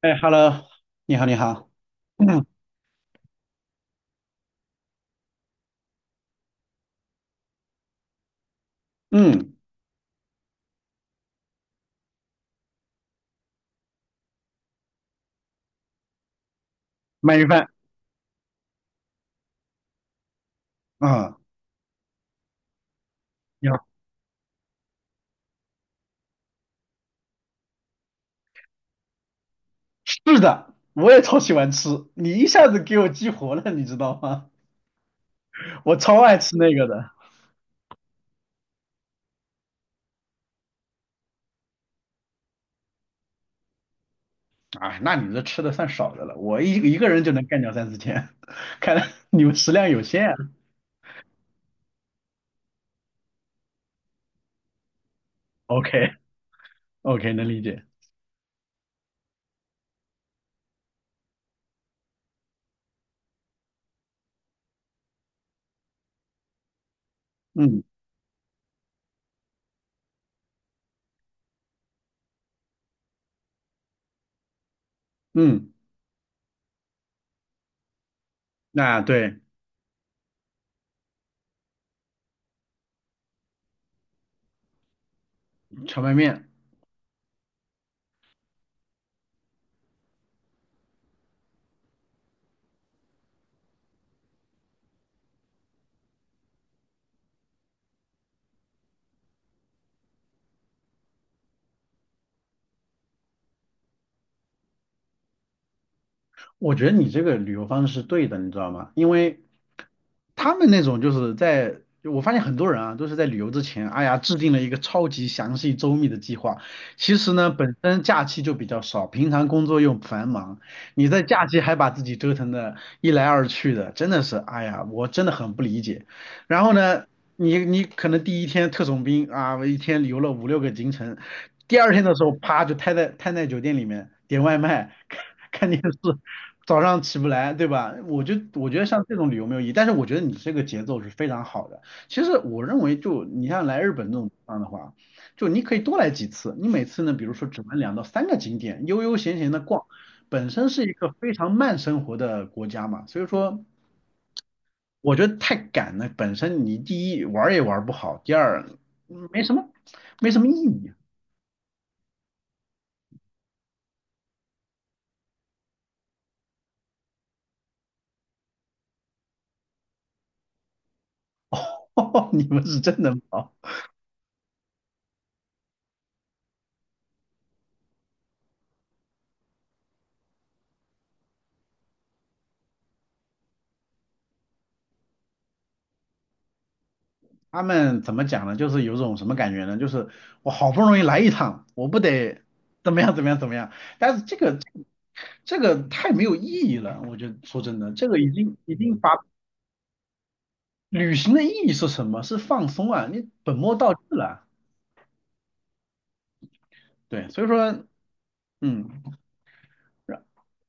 哎，Hello，你好，你好，嗯嗯，鳗鱼饭，嗯，你好，是的，我也超喜欢吃，你一下子给我激活了，你知道吗？我超爱吃那个的。啊，那你这吃的算少的了，我一个人就能干掉三四千，看来你们食量有限啊。OK，OK，能理解。嗯嗯，那对，荞麦面，我觉得你这个旅游方式是对的，你知道吗？因为他们那种就是在，就我发现很多人啊，都是在旅游之前，哎呀，制定了一个超级详细周密的计划。其实呢，本身假期就比较少，平常工作又繁忙，你在假期还把自己折腾的一来二去的，真的是，哎呀，我真的很不理解。然后呢，你可能第一天特种兵啊，我一天游了五六个行程，第二天的时候，啪就瘫在酒店里面点外卖，看看电视，早上起不来，对吧？我觉得像这种旅游没有意义，但是我觉得你这个节奏是非常好的。其实我认为就，你像来日本这种地方的话，就你可以多来几次。你每次呢，比如说只玩2到3个景点，悠悠闲闲的逛，本身是一个非常慢生活的国家嘛，所以说我觉得太赶了，本身你第一玩儿也玩儿不好，第二没什么没什么意义。哦你们是真能跑。他们怎么讲呢？就是有种什么感觉呢？就是我好不容易来一趟，我不得怎么样怎么样怎么样。但是这个太没有意义了，我觉得说真的，这个已经把旅行的意义是什么？是放松啊，你本末倒置了。对，所以说，嗯，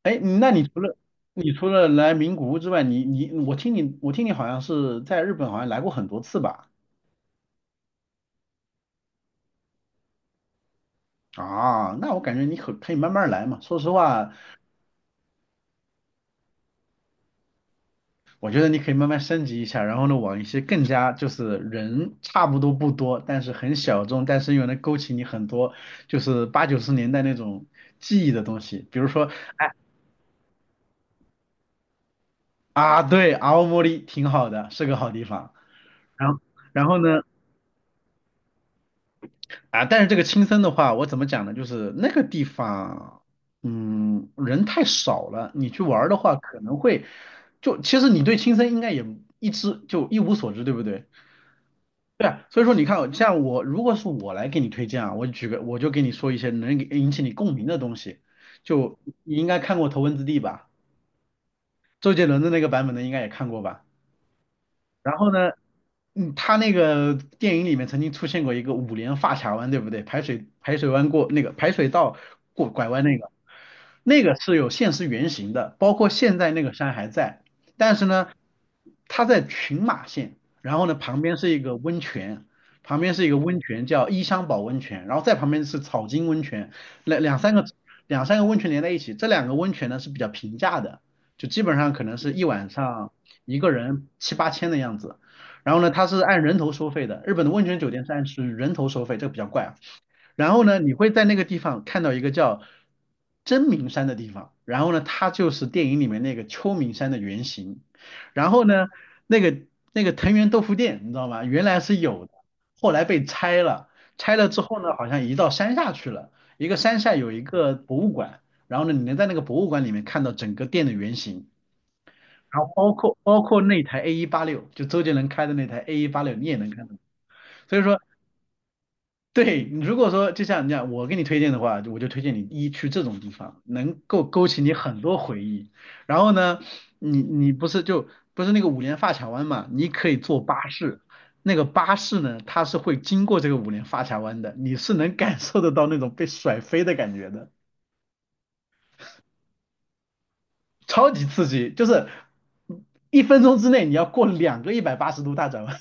哎，那你除了来名古屋之外，你你我听你我听你好像是在日本好像来过很多次吧？啊，那我感觉你可以慢慢来嘛。说实话，我觉得你可以慢慢升级一下，然后呢，往一些更加就是人差不多不多，但是很小众，但是又能勾起你很多就是八九十年代那种记忆的东西，比如说啊，对，青森挺好的，是个好地方。然后然后呢，啊，但是这个青森的话，我怎么讲呢？就是那个地方，嗯，人太少了，你去玩儿的话可能会，就其实你对青森应该也一无所知，对不对？对啊，所以说你看，像我如果是我来给你推荐啊，我举个我就给你说一些能给引起你共鸣的东西，就你应该看过《头文字 D》吧，周杰伦的那个版本的应该也看过吧？然后呢，他那个电影里面曾经出现过一个五连发卡弯，对不对？排水弯过那个排水道过拐弯那个，那个是有现实原型的，包括现在那个山还在，但是呢，它在群马县，然后呢旁边是一个温泉。旁边是一个温泉叫伊香保温泉，然后再旁边是草津温泉，两两三个两三个温泉连在一起，这两个温泉呢是比较平价的，就基本上可能是一晚上一个人七八千的样子。然后呢，它是按人头收费的，日本的温泉酒店是按是人头收费，这个比较怪啊。然后呢，你会在那个地方看到一个叫真名山的地方，然后呢，它就是电影里面那个秋名山的原型。然后呢，那个那个藤原豆腐店，你知道吗？原来是有的，后来被拆了，拆了之后呢，好像移到山下去了。一个山下有一个博物馆，然后呢，你能在那个博物馆里面看到整个店的原型。然后包括那台 A 一八六，就周杰伦开的那台 A 一八六，你也能看到。所以说，对你如果说就像你讲，我给你推荐的话，我就推荐你一去这种地方，能够勾起你很多回忆。然后呢，你不是那个五连发卡湾嘛？你可以坐巴士，那个巴士呢，它是会经过这个五连发卡湾的，你是能感受得到那种被甩飞的感觉的，超级刺激，就是1分钟之内你要过两个180度大转弯。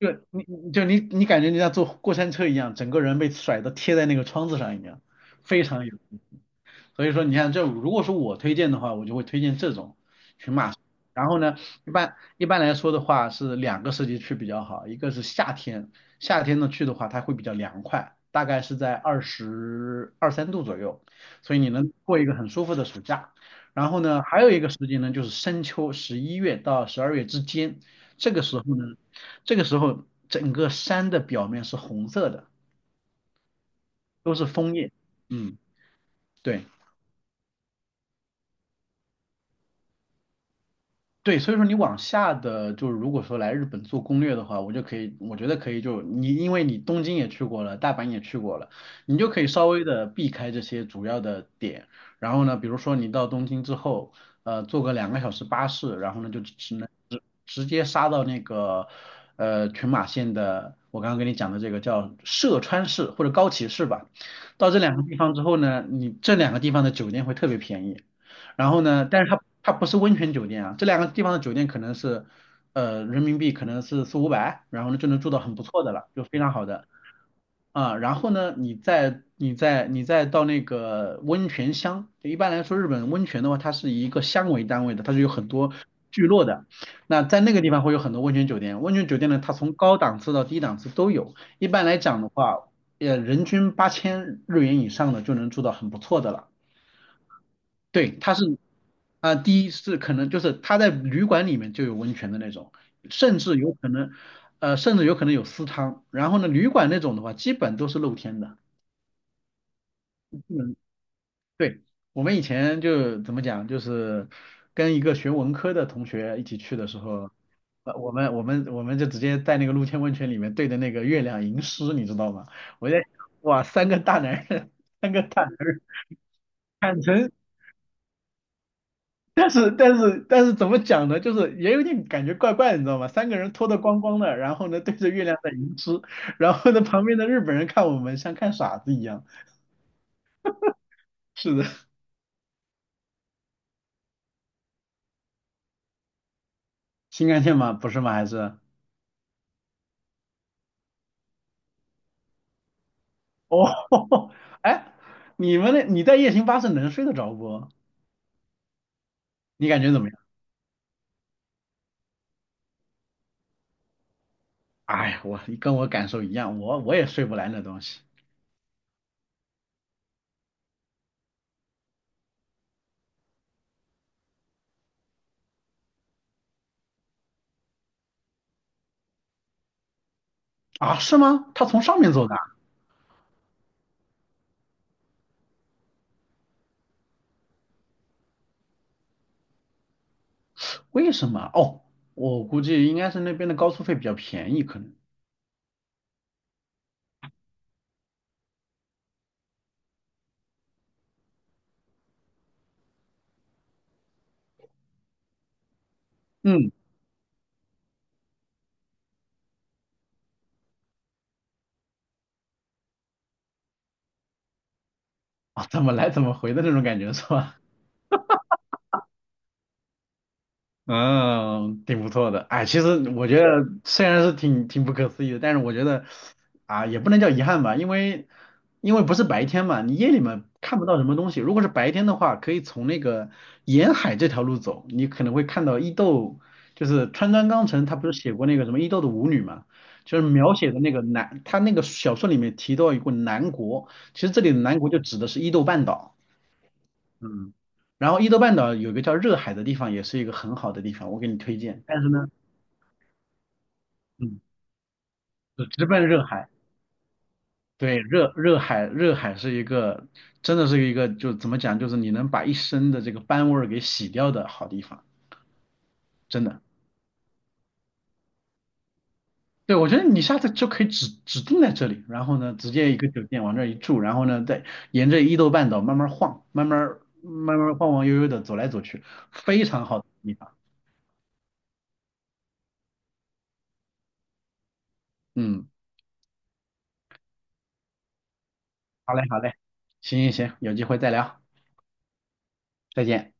就就你你就你你感觉你像坐过山车一样，整个人被甩的贴在那个窗子上一样，非常有。所以说你看这如果说我推荐的话，我就会推荐这种群马。然后呢，一般来说的话是两个时节去比较好，一个是夏天，夏天呢去的话它会比较凉快，大概是在22、23度左右，所以你能过一个很舒服的暑假。然后呢，还有一个时节呢就是深秋，11月到12月之间，这个时候呢，这个时候整个山的表面是红色的，都是枫叶。嗯，对。对，所以说你往下的，就是如果说来日本做攻略的话，我就可以，我觉得可以就，你因为你东京也去过了，大阪也去过了，你就可以稍微的避开这些主要的点。然后呢，比如说你到东京之后，坐个2个小时巴士，然后呢就只只能直接杀到那个群马县的，我刚刚跟你讲的这个叫涉川市或者高崎市吧。到这两个地方之后呢，你这两个地方的酒店会特别便宜。然后呢，但是它它不是温泉酒店啊，这两个地方的酒店可能是，人民币可能是四五百，然后呢就能住到很不错的了，就非常好的啊。然后呢，你再到那个温泉乡，就一般来说日本温泉的话，它是以一个乡为单位的，它是有很多聚落的。那在那个地方会有很多温泉酒店，温泉酒店呢，它从高档次到低档次都有。一般来讲的话，人均8000日元以上的就能住到很不错的了。对，他是啊、第一是可能就是他在旅馆里面就有温泉的那种，甚至有可能甚至有可能有私汤。然后呢，旅馆那种的话，基本都是露天的。嗯，对，我们以前就怎么讲，就是跟一个学文科的同学一起去的时候，我们就直接在那个露天温泉里面对着那个月亮吟诗，你知道吗？我在想，哇，三个大男人，三个大男人。坦诚。但是怎么讲呢？就是也有点感觉怪怪，的，你知道吗？3个人脱得光光的，然后呢对着月亮在吟诗，然后呢旁边的日本人看我们像看傻子一样。是的，新干线吗？不是吗？还是哦，哎，你们那你在夜行巴士能睡得着不？你感觉怎么样？哎呀，我感受一样，我也睡不来那东西啊，是吗？他从上面走的啊。为什么？哦，我估计应该是那边的高速费比较便宜，可能嗯啊怎么来怎么回的那种感觉是吧？嗯，挺不错的。哎，其实我觉得虽然是挺不可思议的，但是我觉得啊，也不能叫遗憾吧，因为不是白天嘛，你夜里面看不到什么东西。如果是白天的话，可以从那个沿海这条路走，你可能会看到伊豆，就是川端康成他不是写过那个什么伊豆的舞女嘛，就是描写的那个南，他那个小说里面提到一个南国，其实这里的南国就指的是伊豆半岛。嗯，然后伊豆半岛有个叫热海的地方，也是一个很好的地方，我给你推荐。但是呢，嗯，就直奔热海。对，热海是一个，真的是一个，就怎么讲，就是你能把一身的这个斑味儿给洗掉的好地方，真的。对，我觉得你下次就可以指定在这里，然后呢，直接一个酒店往这儿一住，然后呢，再沿着伊豆半岛慢慢晃，慢慢晃晃悠悠的走来走去，非常好的地方。嗯，好嘞，好嘞，行行行，有机会再聊，再见。